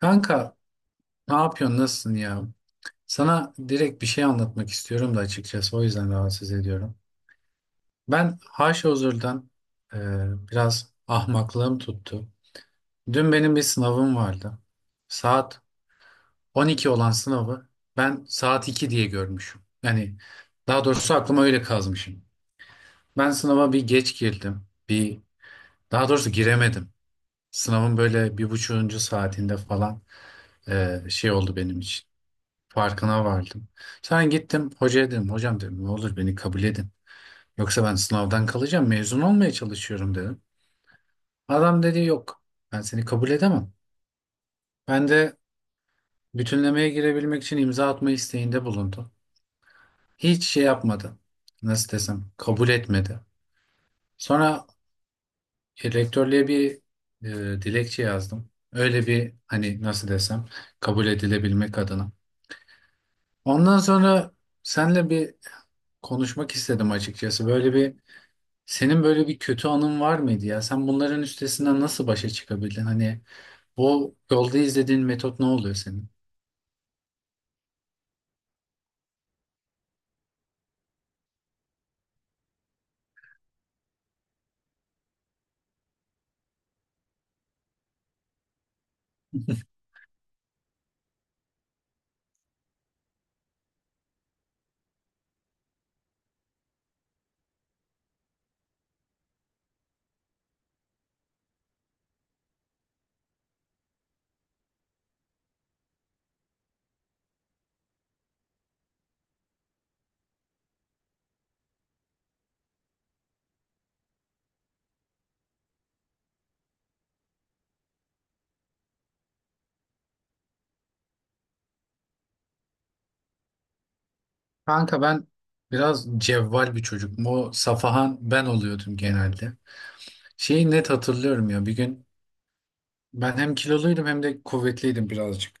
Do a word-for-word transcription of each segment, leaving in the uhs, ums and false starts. Kanka, ne yapıyorsun? Nasılsın ya? Sana direkt bir şey anlatmak istiyorum da açıkçası o yüzden rahatsız ediyorum. Ben Haşhozur'dan e, biraz ahmaklığım tuttu. Dün benim bir sınavım vardı. Saat on iki olan sınavı ben saat iki diye görmüşüm. Yani daha doğrusu aklıma öyle kazmışım. Ben sınava bir geç girdim. Bir Daha doğrusu giremedim. Sınavın böyle bir buçuğuncu saatinde falan e, şey oldu benim için. Farkına vardım. Sen gittim hocaya dedim hocam dedim ne olur beni kabul edin. Yoksa ben sınavdan kalacağım, mezun olmaya çalışıyorum dedim. Adam dedi yok, ben seni kabul edemem. Ben de bütünlemeye girebilmek için imza atma isteğinde bulundu. Hiç şey yapmadı. Nasıl desem, kabul etmedi. Sonra rektörlüğe bir e, dilekçe yazdım. Öyle bir, hani nasıl desem, kabul edilebilmek adına. Ondan sonra senle bir konuşmak istedim açıkçası. Böyle bir Senin böyle bir kötü anın var mıydı ya? Sen bunların üstesinden nasıl başa çıkabildin? Hani bu yolda izlediğin metot ne oluyor senin? Kanka, ben biraz cevval bir çocuk. O Safahan ben oluyordum genelde. Şeyi net hatırlıyorum, ya bir gün ben hem kiloluydum hem de kuvvetliydim birazcık.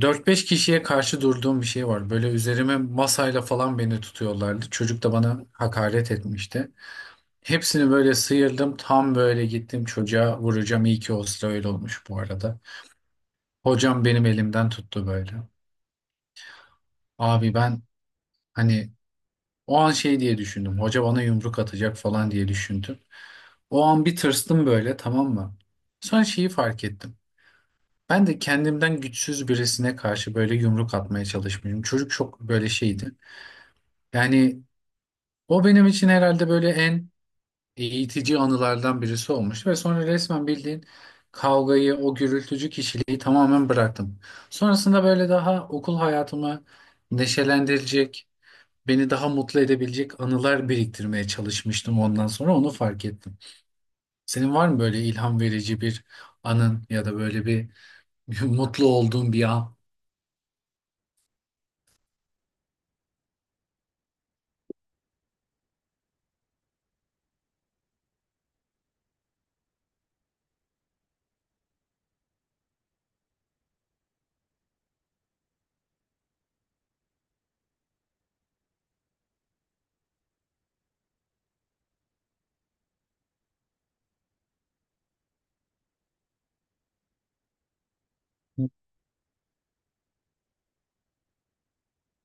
Dört beş kişiye karşı durduğum bir şey var. Böyle üzerime masayla falan beni tutuyorlardı. Çocuk da bana hakaret etmişti. Hepsini böyle sıyırdım. Tam böyle gittim çocuğa vuracağım. İyi ki o sıra öyle olmuş bu arada. Hocam benim elimden tuttu böyle. Abi ben, hani, o an şey diye düşündüm. Hoca bana yumruk atacak falan diye düşündüm. O an bir tırstım böyle, tamam mı? Sonra şeyi fark ettim. Ben de kendimden güçsüz birisine karşı böyle yumruk atmaya çalışmışım. Çocuk çok böyle şeydi. Yani o benim için herhalde böyle en eğitici anılardan birisi olmuştu. Ve sonra resmen bildiğin kavgayı, o gürültücü kişiliği tamamen bıraktım. Sonrasında böyle daha okul hayatımı neşelendirecek, beni daha mutlu edebilecek anılar biriktirmeye çalışmıştım, ondan sonra onu fark ettim. Senin var mı böyle ilham verici bir anın ya da böyle bir mutlu olduğun bir an?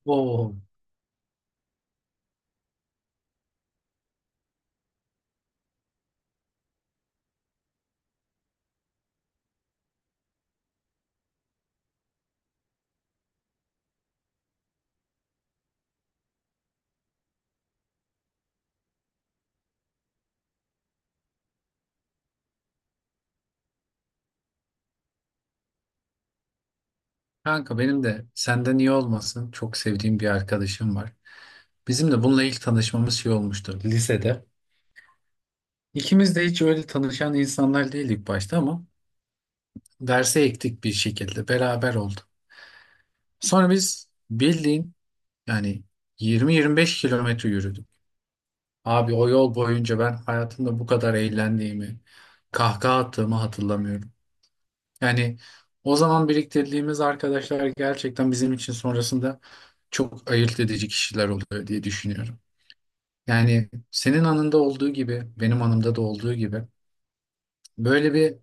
Oo, kanka, benim de senden iyi olmasın, çok sevdiğim bir arkadaşım var. Bizim de bununla ilk tanışmamız şey olmuştu, lisede. İkimiz de hiç öyle tanışan insanlar değildik başta ama derse ektik bir şekilde beraber oldu. Sonra biz bildiğin, yani yirmi yirmi beş kilometre yürüdük. Abi o yol boyunca ben hayatımda bu kadar eğlendiğimi, kahkaha attığımı hatırlamıyorum. Yani o zaman biriktirdiğimiz arkadaşlar gerçekten bizim için sonrasında çok ayırt edici kişiler oluyor diye düşünüyorum. Yani senin anında olduğu gibi, benim anımda da olduğu gibi böyle bir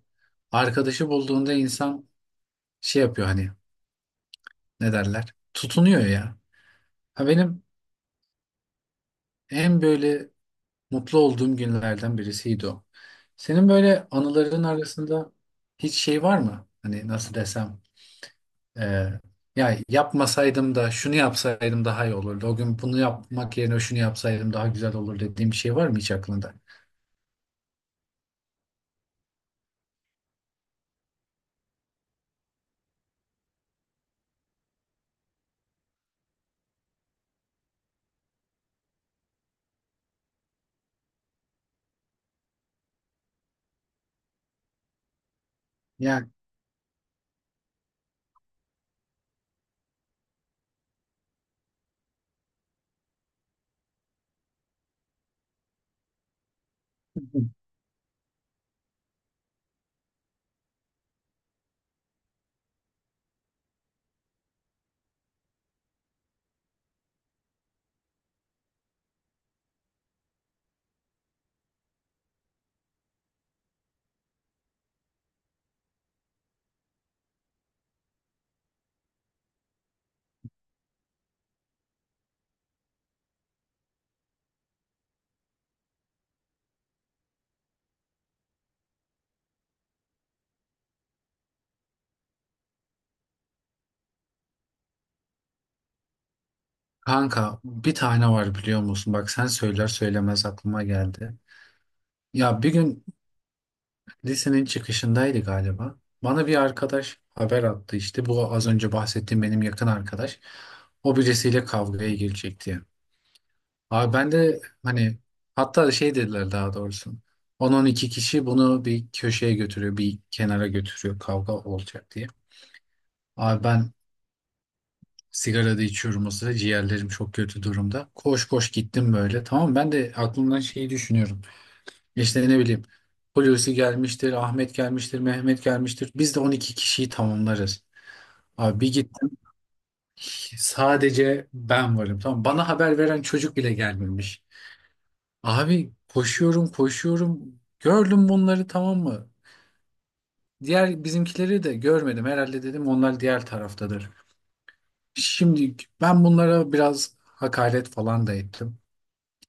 arkadaşı bulduğunda insan şey yapıyor, hani ne derler? Tutunuyor ya. Ha, benim en böyle mutlu olduğum günlerden birisiydi o. Senin böyle anıların arasında hiç şey var mı? Hani nasıl desem, e, ya yapmasaydım da şunu yapsaydım daha iyi olurdu, o gün bunu yapmak yerine şunu yapsaydım daha güzel olur dediğim bir şey var mı hiç aklında? Yani kanka, bir tane var, biliyor musun? Bak, sen söyler söylemez aklıma geldi. Ya bir gün lisenin çıkışındaydı galiba. Bana bir arkadaş haber attı işte. Bu az önce bahsettiğim benim yakın arkadaş. O birisiyle kavgaya girecek diye. Abi ben de hani, hatta şey dediler daha doğrusu. on on iki kişi bunu bir köşeye götürüyor, bir kenara götürüyor, kavga olacak diye. Abi ben sigara da içiyorum o sıra, ciğerlerim çok kötü durumda. Koş koş gittim böyle, tamam mı? ben de aklımdan şeyi düşünüyorum. İşte ne bileyim, Hulusi gelmiştir, Ahmet gelmiştir, Mehmet gelmiştir. Biz de on iki kişiyi tamamlarız. Abi bir gittim, sadece ben varım. Tamam, bana haber veren çocuk bile gelmemiş. Abi koşuyorum koşuyorum. Gördüm bunları, tamam mı? Diğer bizimkileri de görmedim. Herhalde dedim onlar diğer taraftadır. Şimdi ben bunlara biraz hakaret falan da ettim.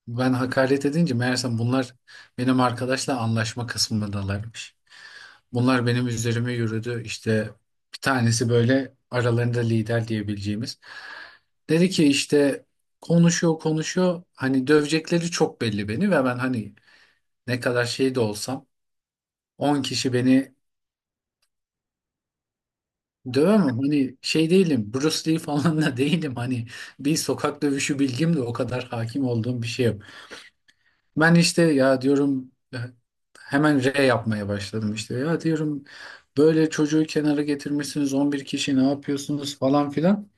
Ben hakaret edince meğersem bunlar benim arkadaşla anlaşma kısmındalarmış. Bunlar benim üzerime yürüdü. İşte bir tanesi böyle aralarında lider diyebileceğimiz. Dedi ki işte, konuşuyor konuşuyor. Hani dövecekleri çok belli beni ve ben, hani, ne kadar şey de olsam on kişi beni dövemem. Hani şey değilim, Bruce Lee falan da değilim. Hani bir sokak dövüşü bilgim de o kadar hakim olduğum bir şey yok. Ben işte ya diyorum e, hemen re yapmaya başladım işte. Ya diyorum böyle çocuğu kenara getirmişsiniz, on bir kişi ne yapıyorsunuz falan filan.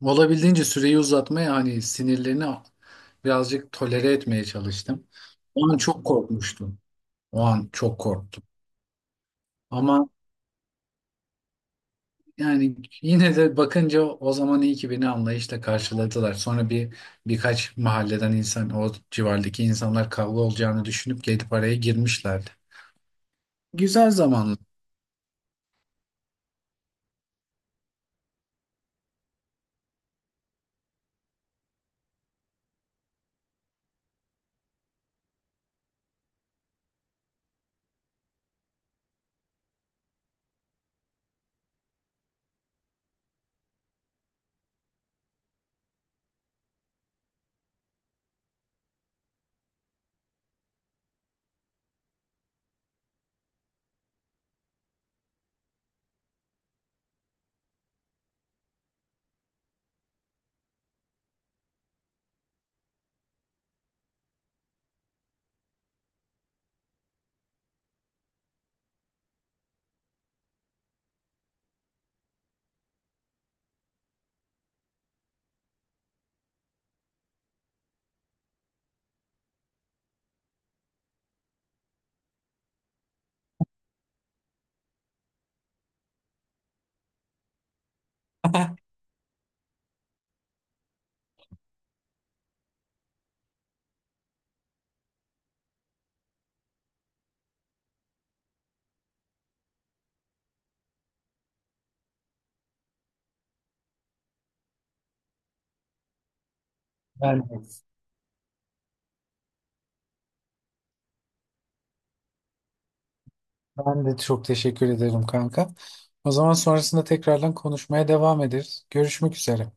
Olabildiğince süreyi uzatmaya, hani sinirlerini birazcık tolere etmeye çalıştım. O an çok korkmuştum. O an çok korktum. Ama yani yine de bakınca o zaman iyi ki beni anlayışla karşıladılar. Sonra bir birkaç mahalleden insan, o civardaki insanlar kavga olacağını düşünüp gelip araya girmişlerdi. Güzel zamanlar. Ben de, ben de çok teşekkür ederim kanka. O zaman sonrasında tekrardan konuşmaya devam ederiz. Görüşmek üzere.